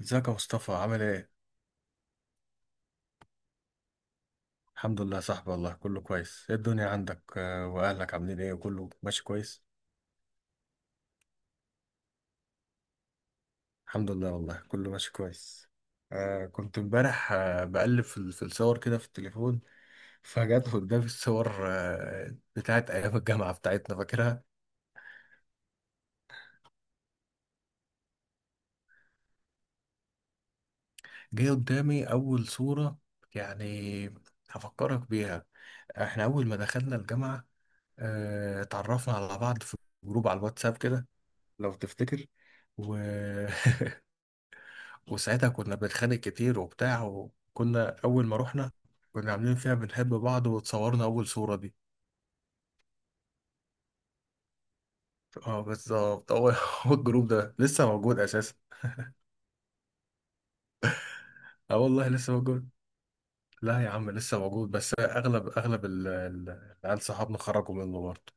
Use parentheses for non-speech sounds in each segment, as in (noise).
ازيك يا مصطفى عامل ايه؟ الحمد لله يا صاحبي والله كله كويس. ايه الدنيا عندك، واهلك عاملين ايه، كله ماشي كويس؟ الحمد لله والله كله ماشي كويس. كنت امبارح بقلب في في الصور كده في التليفون. فجت قدامي الصور بتاعت ايام الجامعة بتاعتنا، فاكرها؟ جه قدامي اول صورة يعني، هفكرك بيها. احنا اول ما دخلنا الجامعة، اتعرفنا على بعض في جروب على الواتساب كده لو تفتكر و... (laughs) وساعتها كنا بنتخانق كتير وبتاع، وكنا أول ما رحنا كنا عاملين فيها بنحب بعض وتصورنا أول صورة دي. اه بالظبط هو (laughs) هو الجروب ده لسه موجود أساسا. اه والله لسه موجود. لا يا عم لسه موجود، بس أغلب أغلب العيال صحابنا خرجوا منه برضه.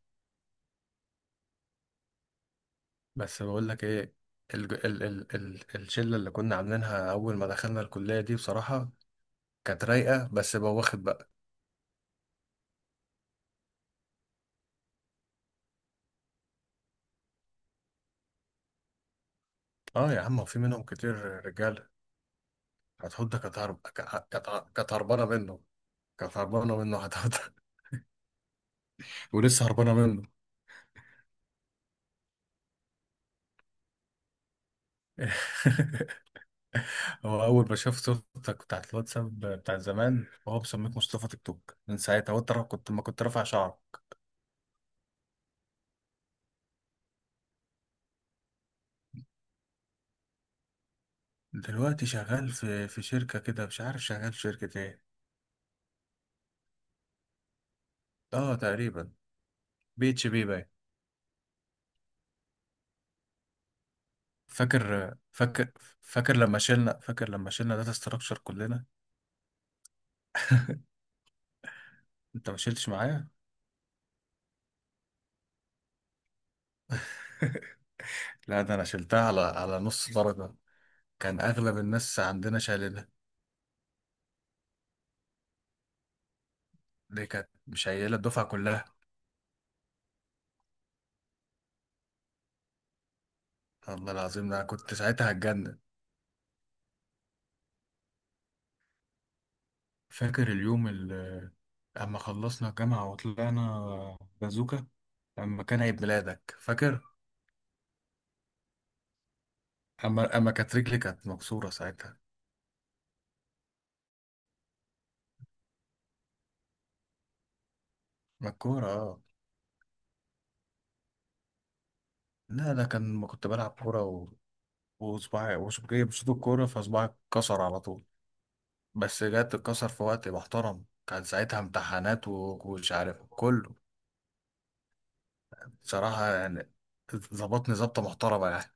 بس بقول لك إيه، ال ال ال ال الشلة اللي كنا عاملينها أول ما دخلنا الكلية دي بصراحة كانت رايقة، بس بواخد بقى. اه يا عم في منهم كتير رجالة. هتحط، كانت هربانة منه. كانت هربانة منه حضرتك. (laughs) ولسه هربانة منه. (laughs) هو أول ما شاف صورتك بتاعت الواتساب بتاع زمان وهو مسميك مصطفى تيك توك من ساعتها، هو ترى كنت ما كنت رافع شعر. دلوقتي شغال في شركة كده، مش عارف شغال في شركة ايه. اه تقريبا بي اتش بي باين. فاكر فاكر فاكر لما شلنا داتا ستراكشر كلنا. انت ما شلتش معايا. (laughs) لا ده انا شلتها على نص درجة. كان اغلب الناس عندنا شايلينها. دي كانت مشايله الدفعة كلها. والله العظيم ده أنا كنت ساعتها هتجنن. فاكر اليوم اللي اما خلصنا الجامعة وطلعنا بازوكا، لما كان عيد ميلادك، فاكر؟ اما كانت رجلي كانت مكسورة ساعتها. ما الكورة اه. لا لا كان، ما كنت بلعب كورة، وصباعي بصوت الكورة فصباعي اتكسر على طول. بس جت اتكسر في وقت محترم، كان ساعتها امتحانات، ومش عارف كله. بصراحة يعني ظبطني ظبطة محترمة يعني.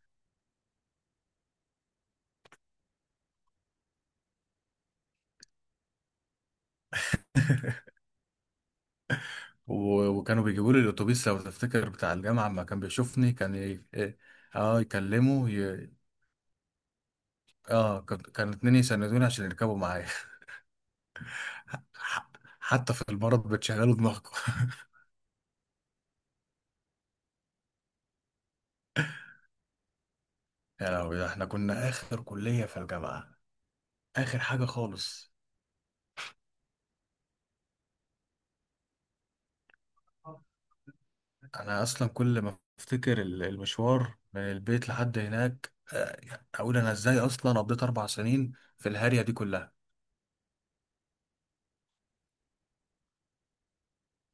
(laughs) وكانوا بيجيبوا لي الاتوبيس لو تفتكر بتاع الجامعه، اما كان بيشوفني كان إيه. اه يكلمه. اه كان اتنين يسندوني عشان يركبوا معايا. (laughs) ح- حتى في المرض بتشغلوا دماغكم. (laughs) يا لهوي ده احنا كنا اخر كليه في الجامعه، اخر حاجه خالص. انا اصلا كل ما افتكر المشوار من البيت لحد هناك، اقول انا ازاي اصلا قضيت 4 سنين في الهارية دي كلها.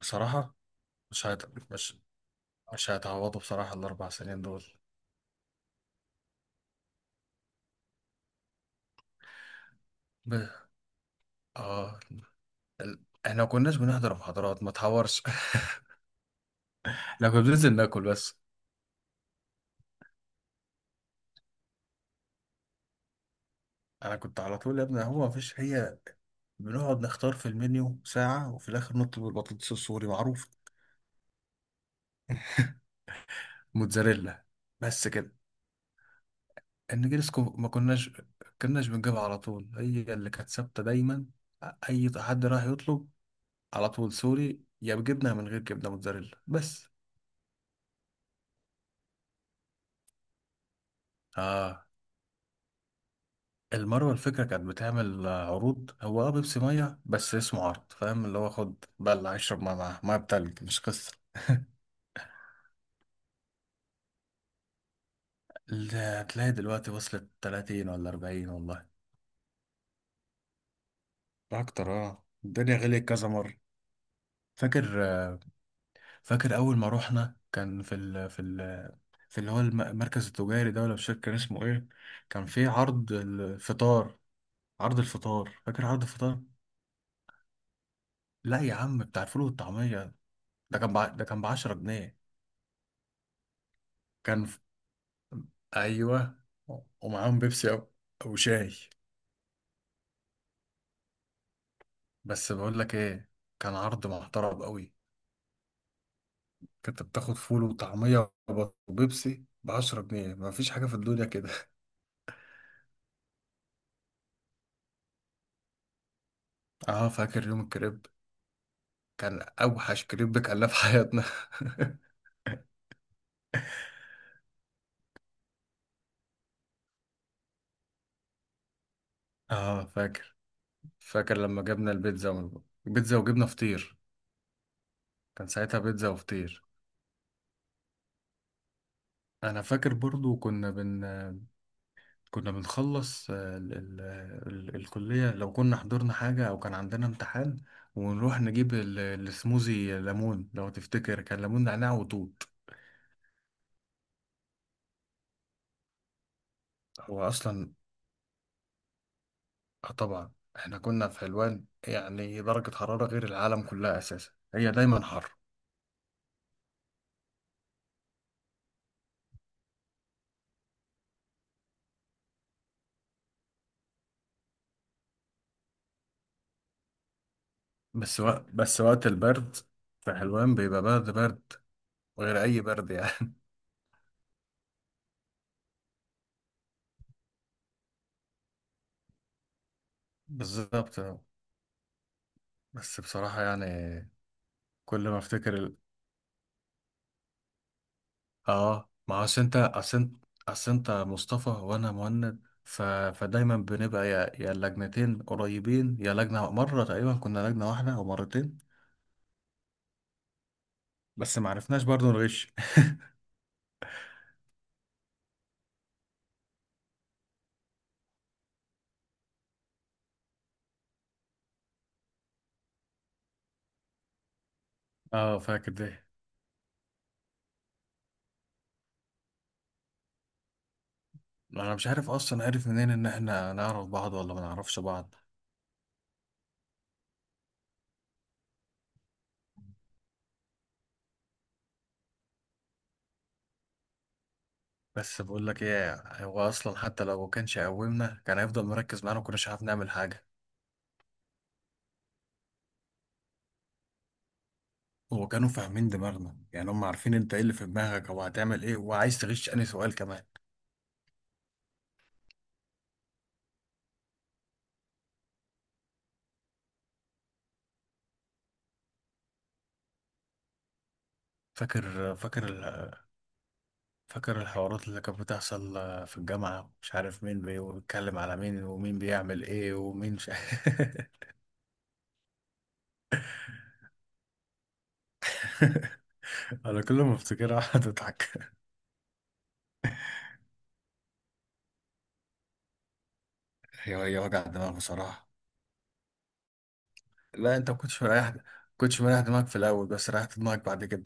بصراحة مش هت... مش مش هيتعوضوا بصراحة الاربع سنين دول. اه ال- احنا ما كناش بنحضر محاضرات ما تحورش. (laughs) احنا كنا بننزل ناكل بس. انا كنت على طول يا ابني، هو ما فيش هي. بنقعد نختار في المنيو ساعة وفي الآخر نطلب البطاطس السوري معروف، موتزاريلا، بس كده. النجريسكو ما كناش بنجيبها على طول، هي اللي كانت ثابتة دايما. أي حد راح يطلب على طول، سوري يا بجبنة، من غير جبنة موتزاريلا بس. اه المروه الفكره كانت بتعمل عروض. هو بيبسي ميه بس اسمه عرض، فاهم؟ اللي هو خد بقى اللي هيشرب ميه معاه ميه بتلج، مش قصه. اللي هتلاقي دلوقتي وصلت 30 ولا 40 والله. ده اكتر، اه الدنيا غليت كذا مره. فاكر آه، فاكر اول ما روحنا كان في ال في ال في اللي هو المركز التجاري ده، ولا مش فاكر كان اسمه ايه. كان في عرض الفطار. عرض الفطار، فاكر عرض الفطار؟ لا يا عم بتاع الفول والطعميه. ده كان ب 10 جنيه. كان، ايوه، ومعاهم بيبسي او شاي. بس بقول لك ايه، كان عرض محترم قوي. كنت بتاخد فول وطعميه وبيبسي ب 10 جنيه، ما فيش حاجه في الدنيا كده. (laughs) اه فاكر يوم الكريب، كان اوحش كريب كلناه في حياتنا. (laughs) اه فاكر لما جبنا بيتزا وجبنا فطير. كان ساعتها بيتزا وفطير. انا فاكر برضو كنا بنخلص، ال ال ال الكلية لو كنا حضرنا حاجة أو كان عندنا امتحان، ونروح نجيب السموزي ليمون، لو تفتكر كان ليمون نعناع وتوت. هو أصلا آه طبعا احنا كنا في حلوان يعني درجة حرارة غير العالم كلها أساسا، هي دايما حر. بس وقت البرد في حلوان بيبقى برد برد، غير أي برد يعني. (laughs) بالظبط. بس بصراحة يعني كل ما أفتكر. اه ما هو أصل انت اصل انت اصل انت مصطفى وانا مهند، فدايما بنبقى يا اللجنتين قريبين، يا لجنة مرة، تقريبا كنا لجنة واحدة او مرتين. بس ما عرفناش برضو نغش. (laughs) اه فاكر ده. انا مش عارف اصلا، عارف منين ان احنا نعرف بعض ولا ما نعرفش بعض. بس بقول لك ايه، هو اصلا حتى لو ما كانش قومنا، كان هيفضل مركز معانا وكناش عارف نعمل حاجة. هو كانوا فاهمين دماغنا يعني، هم عارفين انت ايه اللي في دماغك او هتعمل ايه وعايز تغش انهي سؤال كمان. فاكر فاكر فاكر الحوارات اللي كانت بتحصل، في الجامعة مش عارف مين بيتكلم على مين، ومين بيعمل ايه، ومين مش. (laughs) انا كل ما افتكرها اقعد اضحك. هي هي وجع دماغ بصراحة. لا انت ما كنتش مريح، دماغك في الاول، بس ريحت دماغك بعد كده.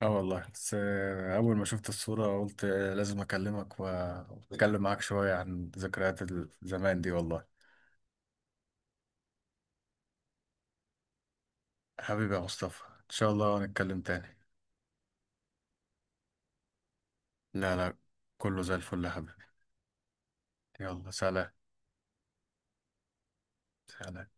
اه والله، بس اول ما شفت الصورة قلت لازم اكلمك، واتكلم معاك شوية عن ذكريات زمان دي والله. حبيبي يا مصطفى ان شاء الله نتكلم تاني. لا لا كله زي الفل يا حبيبي. يلا سلام، سلام.